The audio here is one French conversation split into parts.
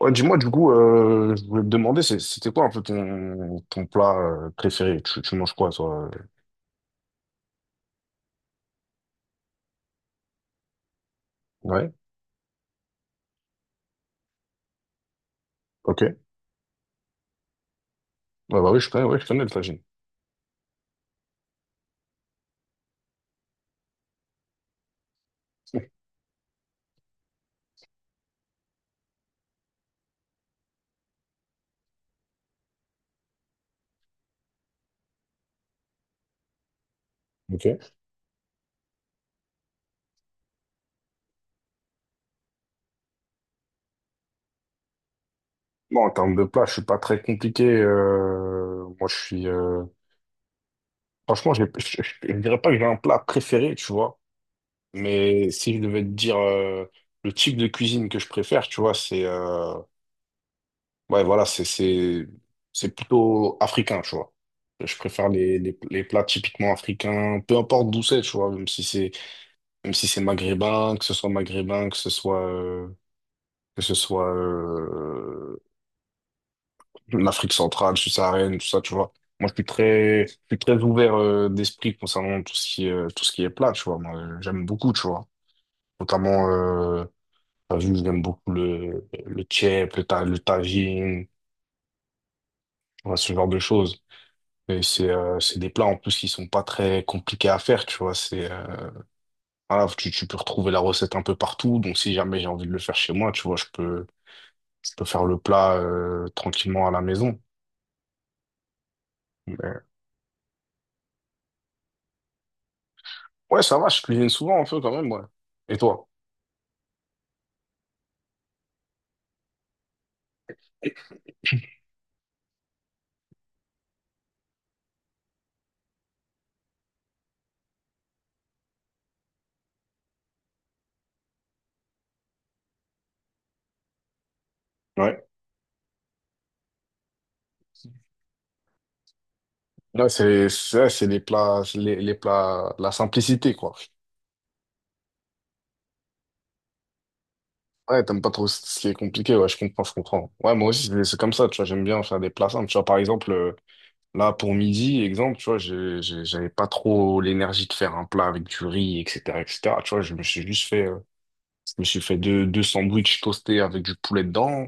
Ouais, dis-moi, du coup, je voulais te demander, c'était quoi un peu ton plat préféré? Tu manges quoi, toi? Ouais, ok. Ouais, bah oui, je connais, ouais, je connais le tagine. Ok. Bon, en termes de plat, je suis pas très compliqué. Moi, je suis. Franchement, je dirais pas que j'ai un plat préféré, tu vois. Mais si je devais te dire le type de cuisine que je préfère, tu vois, c'est. Ouais, voilà, c'est plutôt africain, tu vois. Je préfère les plats typiquement africains, peu importe d'où c'est, tu vois, même si c'est maghrébin, que ce soit maghrébin, que ce soit, euh, l'Afrique centrale, subsaharienne, tout ça, tu vois. Moi, je suis très ouvert, d'esprit concernant tout ce qui est plat, tu vois. Moi, j'aime beaucoup, tu vois. Notamment, t'as vu, j'aime beaucoup le tchèp, le tagine, tu vois, ce genre de choses. Et c'est des plats en plus qui sont pas très compliqués à faire, tu vois. C'est Voilà, tu peux retrouver la recette un peu partout. Donc si jamais j'ai envie de le faire chez moi, tu vois, je peux faire le plat tranquillement à la maison. Mais, ouais, ça va, je cuisine souvent un peu quand même, ouais. Et toi? Ouais. Ouais, c'est ça, c'est les plats la simplicité quoi. Ouais, t'aimes pas trop ce qui est compliqué, ouais, je comprends, je comprends. Ouais, moi aussi c'est comme ça, tu vois, j'aime bien faire des plats simples, tu vois, par exemple. Là, pour midi, exemple, tu vois, j'avais pas trop l'énergie de faire un plat avec du riz, etc., etc. Tu vois, je me suis fait deux sandwichs toastés avec du poulet dedans.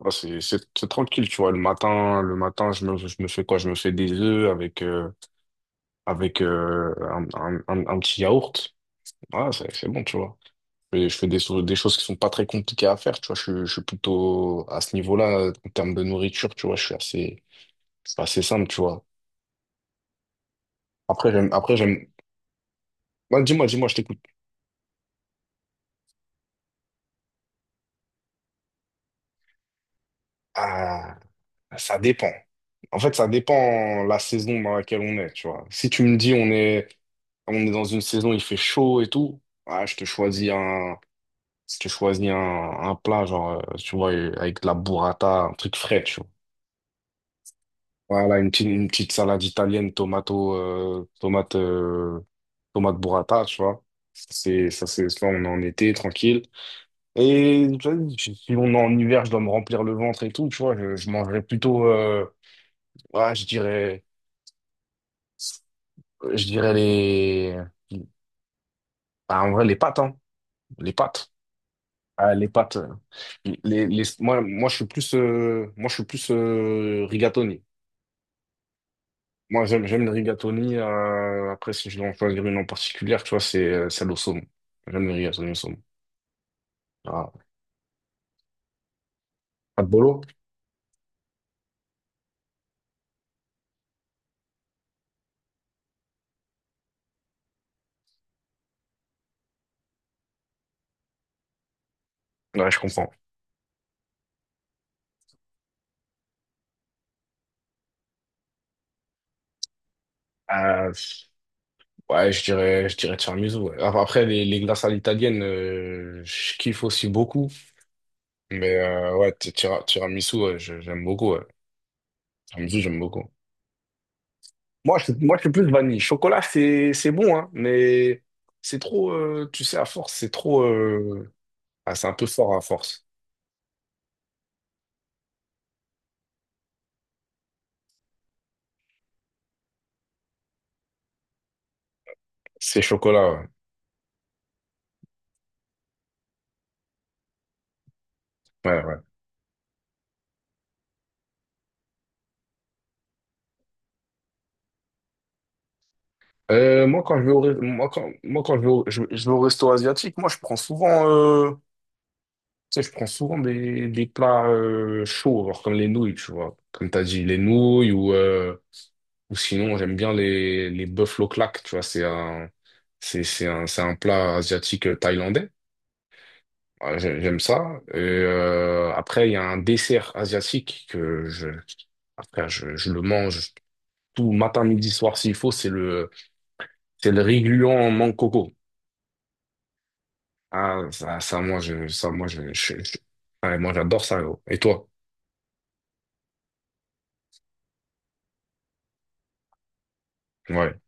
Ouais, c'est tranquille, tu vois. Le matin, je me fais quoi? Je me fais des œufs avec, un petit yaourt. Voilà, c'est bon, tu vois. Et je fais des, so- des choses qui sont pas très compliquées à faire, tu vois. Je suis plutôt à ce niveau-là, en termes de nourriture, tu vois, c'est assez simple, tu vois. Après, j'aime, Bah, dis-moi, dis-moi, je t'écoute. Ah, ça dépend. En fait, ça dépend la saison dans laquelle on est, tu vois. Si tu me dis on est dans une saison, il fait chaud et tout, ah, je te choisis un plat, genre, tu vois, avec de la burrata, un truc frais, tu vois. Voilà, une petite salade italienne, tomate burrata, tu vois. On est en été, tranquille. Et tu vois, si on est en hiver, je dois me remplir le ventre et tout, tu vois, je mangerais plutôt. Ouais, je dirais ah, en vrai, les pâtes, hein. Les pâtes. Ah, les pâtes. Moi, je suis plus rigatoni. Moi, j'aime le rigatoni. Après, si je dois en choisir une en particulier, tu vois, c'est celle au saumon. J'aime le rigatoni au saumon. Ah. Pas de bolo? Ouais, je comprends. Euh, ouais, je dirais tiramisu. Ouais. Après, après, les glaces à l'italienne, je kiffe aussi beaucoup. Mais ouais, tiramisu, ouais, j'aime beaucoup. Ouais. Tiramisu, j'aime beaucoup. Moi, je suis plus vanille. Chocolat, c'est bon, hein, mais tu sais, à force, c'est un peu fort à force. C'est chocolat, ouais. Ouais, ouais. Moi, quand je vais au, re- moi, quand je vais au resto asiatique, moi, je prends souvent, tu sais, je prends souvent des plats, chauds, genre comme les nouilles, tu vois. Comme t'as dit, les nouilles ou sinon, j'aime bien les buffalo claques, tu vois, c'est un plat asiatique thaïlandais. Ouais, J'aime ça. Et après, il y a un dessert asiatique que je le mange tout matin, midi, soir s'il faut. C'est le riz gluant en mangue coco. Ah, ça, ça, moi, je- ouais, moi, j'adore ça. Gros. Et toi? Ouais,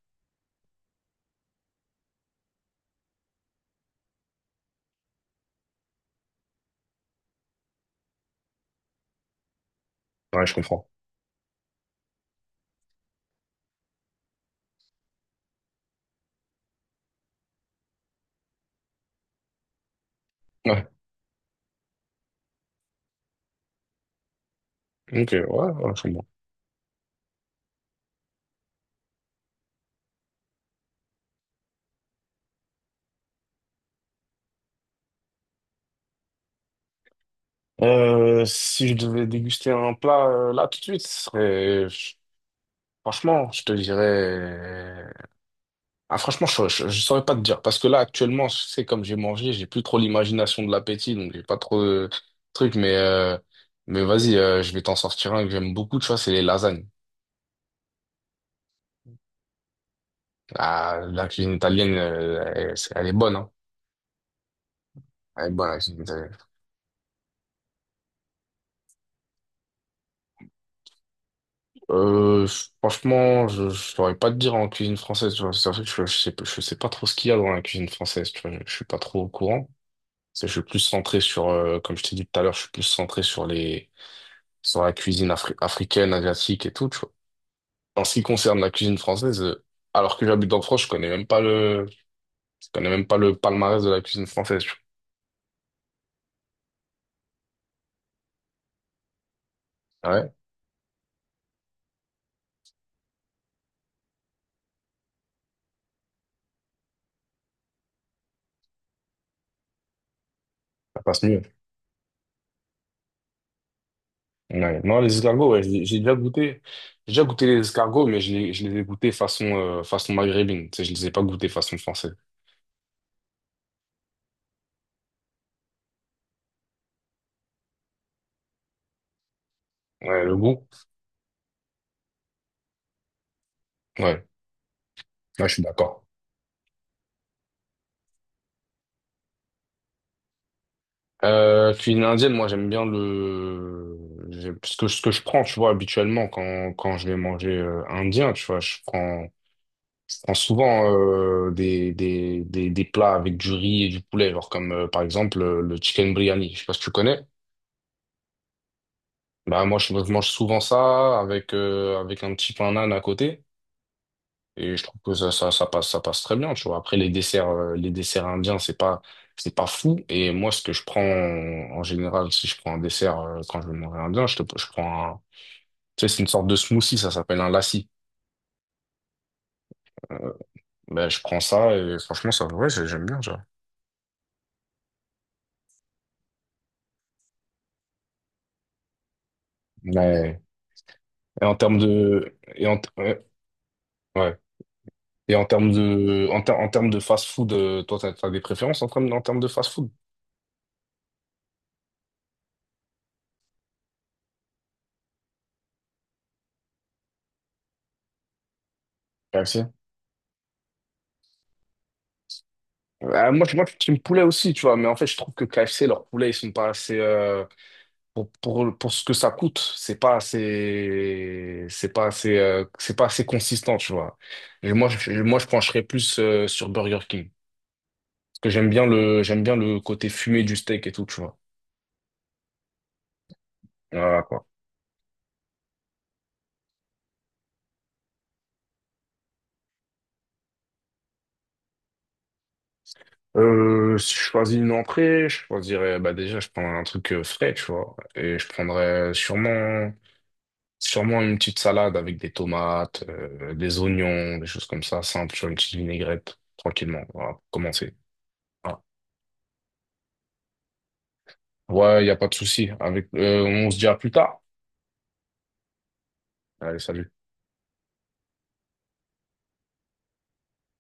ouais, je comprends. Ouais, ok, ouais, ouais, je comprends. Si je devais déguster un plat là tout de suite, franchement, je te dirais. Ah, franchement, je ne saurais pas te dire. Parce que là, actuellement, je sais, comme j'ai mangé, j'ai plus trop l'imagination de l'appétit, donc j'ai pas trop de trucs. Mais vas-y, je vais t'en sortir un que j'aime beaucoup, tu vois, c'est les lasagnes. Ah, la cuisine italienne, elle est bonne, hein. Elle est bonne, la cuisine italienne. Euh, franchement, je ne saurais pas te dire en cuisine française, tu vois. C'est vrai que je sais pas trop ce qu'il y a dans la cuisine française, tu vois. Je suis pas trop au courant. Je suis plus centré sur, comme je t'ai dit tout à l'heure, je suis plus centré sur sur la cuisine africaine, asiatique et tout, tu vois. En ce qui concerne la cuisine française, alors que j'habite en France, je connais même pas le palmarès de la cuisine française. Ah ouais, ça passe mieux. Ouais. Non, les escargots, ouais, j'ai déjà goûté les escargots, mais je les ai goûtés façon maghrébine. Tu sais, je les ai pas goûtés façon française. Ouais, le goût. Ouais, ouais, je suis d'accord. Cuisine indienne, moi j'aime bien le j'ai- ce que je prends, tu vois, habituellement quand je vais manger indien, tu vois, Je prends souvent des plats avec du riz et du poulet, genre comme par exemple le chicken biryani. Je sais pas si tu connais. Bah je mange souvent ça avec avec un petit pain naan à côté et je trouve que ça ça passe très bien, tu vois. Après les desserts indiens, c'est pas fou et moi ce que je prends en général si je prends un dessert quand je vais manger indien, je prends un Tu sais, c'est une sorte de smoothie, ça s'appelle un lassi. Euh, ben, je prends ça et franchement, ça, ouais, j'aime bien, tu vois. Ouais. Et en termes de, et en, ouais, ouais. Et en termes en termes de fast-food, toi, t'as des préférences en termes de fast-food? KFC. Moi, je suis team poulet aussi, tu vois, mais en fait, je trouve que KFC, leurs poulets, ils sont pas assez, pour ce que ça coûte, c'est pas assez consistant, tu vois. Et moi, je pencherais plus, sur Burger King. Parce que j'aime bien le côté fumé du steak et tout, tu vois. Voilà, quoi. Si je choisis une entrée, je choisirais, bah déjà, je prendrais un truc frais, tu vois, et je prendrais sûrement, sûrement une petite salade avec des tomates, des oignons, des choses comme ça, simple, tu une petite vinaigrette, tranquillement, voilà, pour commencer. Voilà. Ouais, il n'y a pas de souci. Avec, on se dit à plus tard. Allez, salut.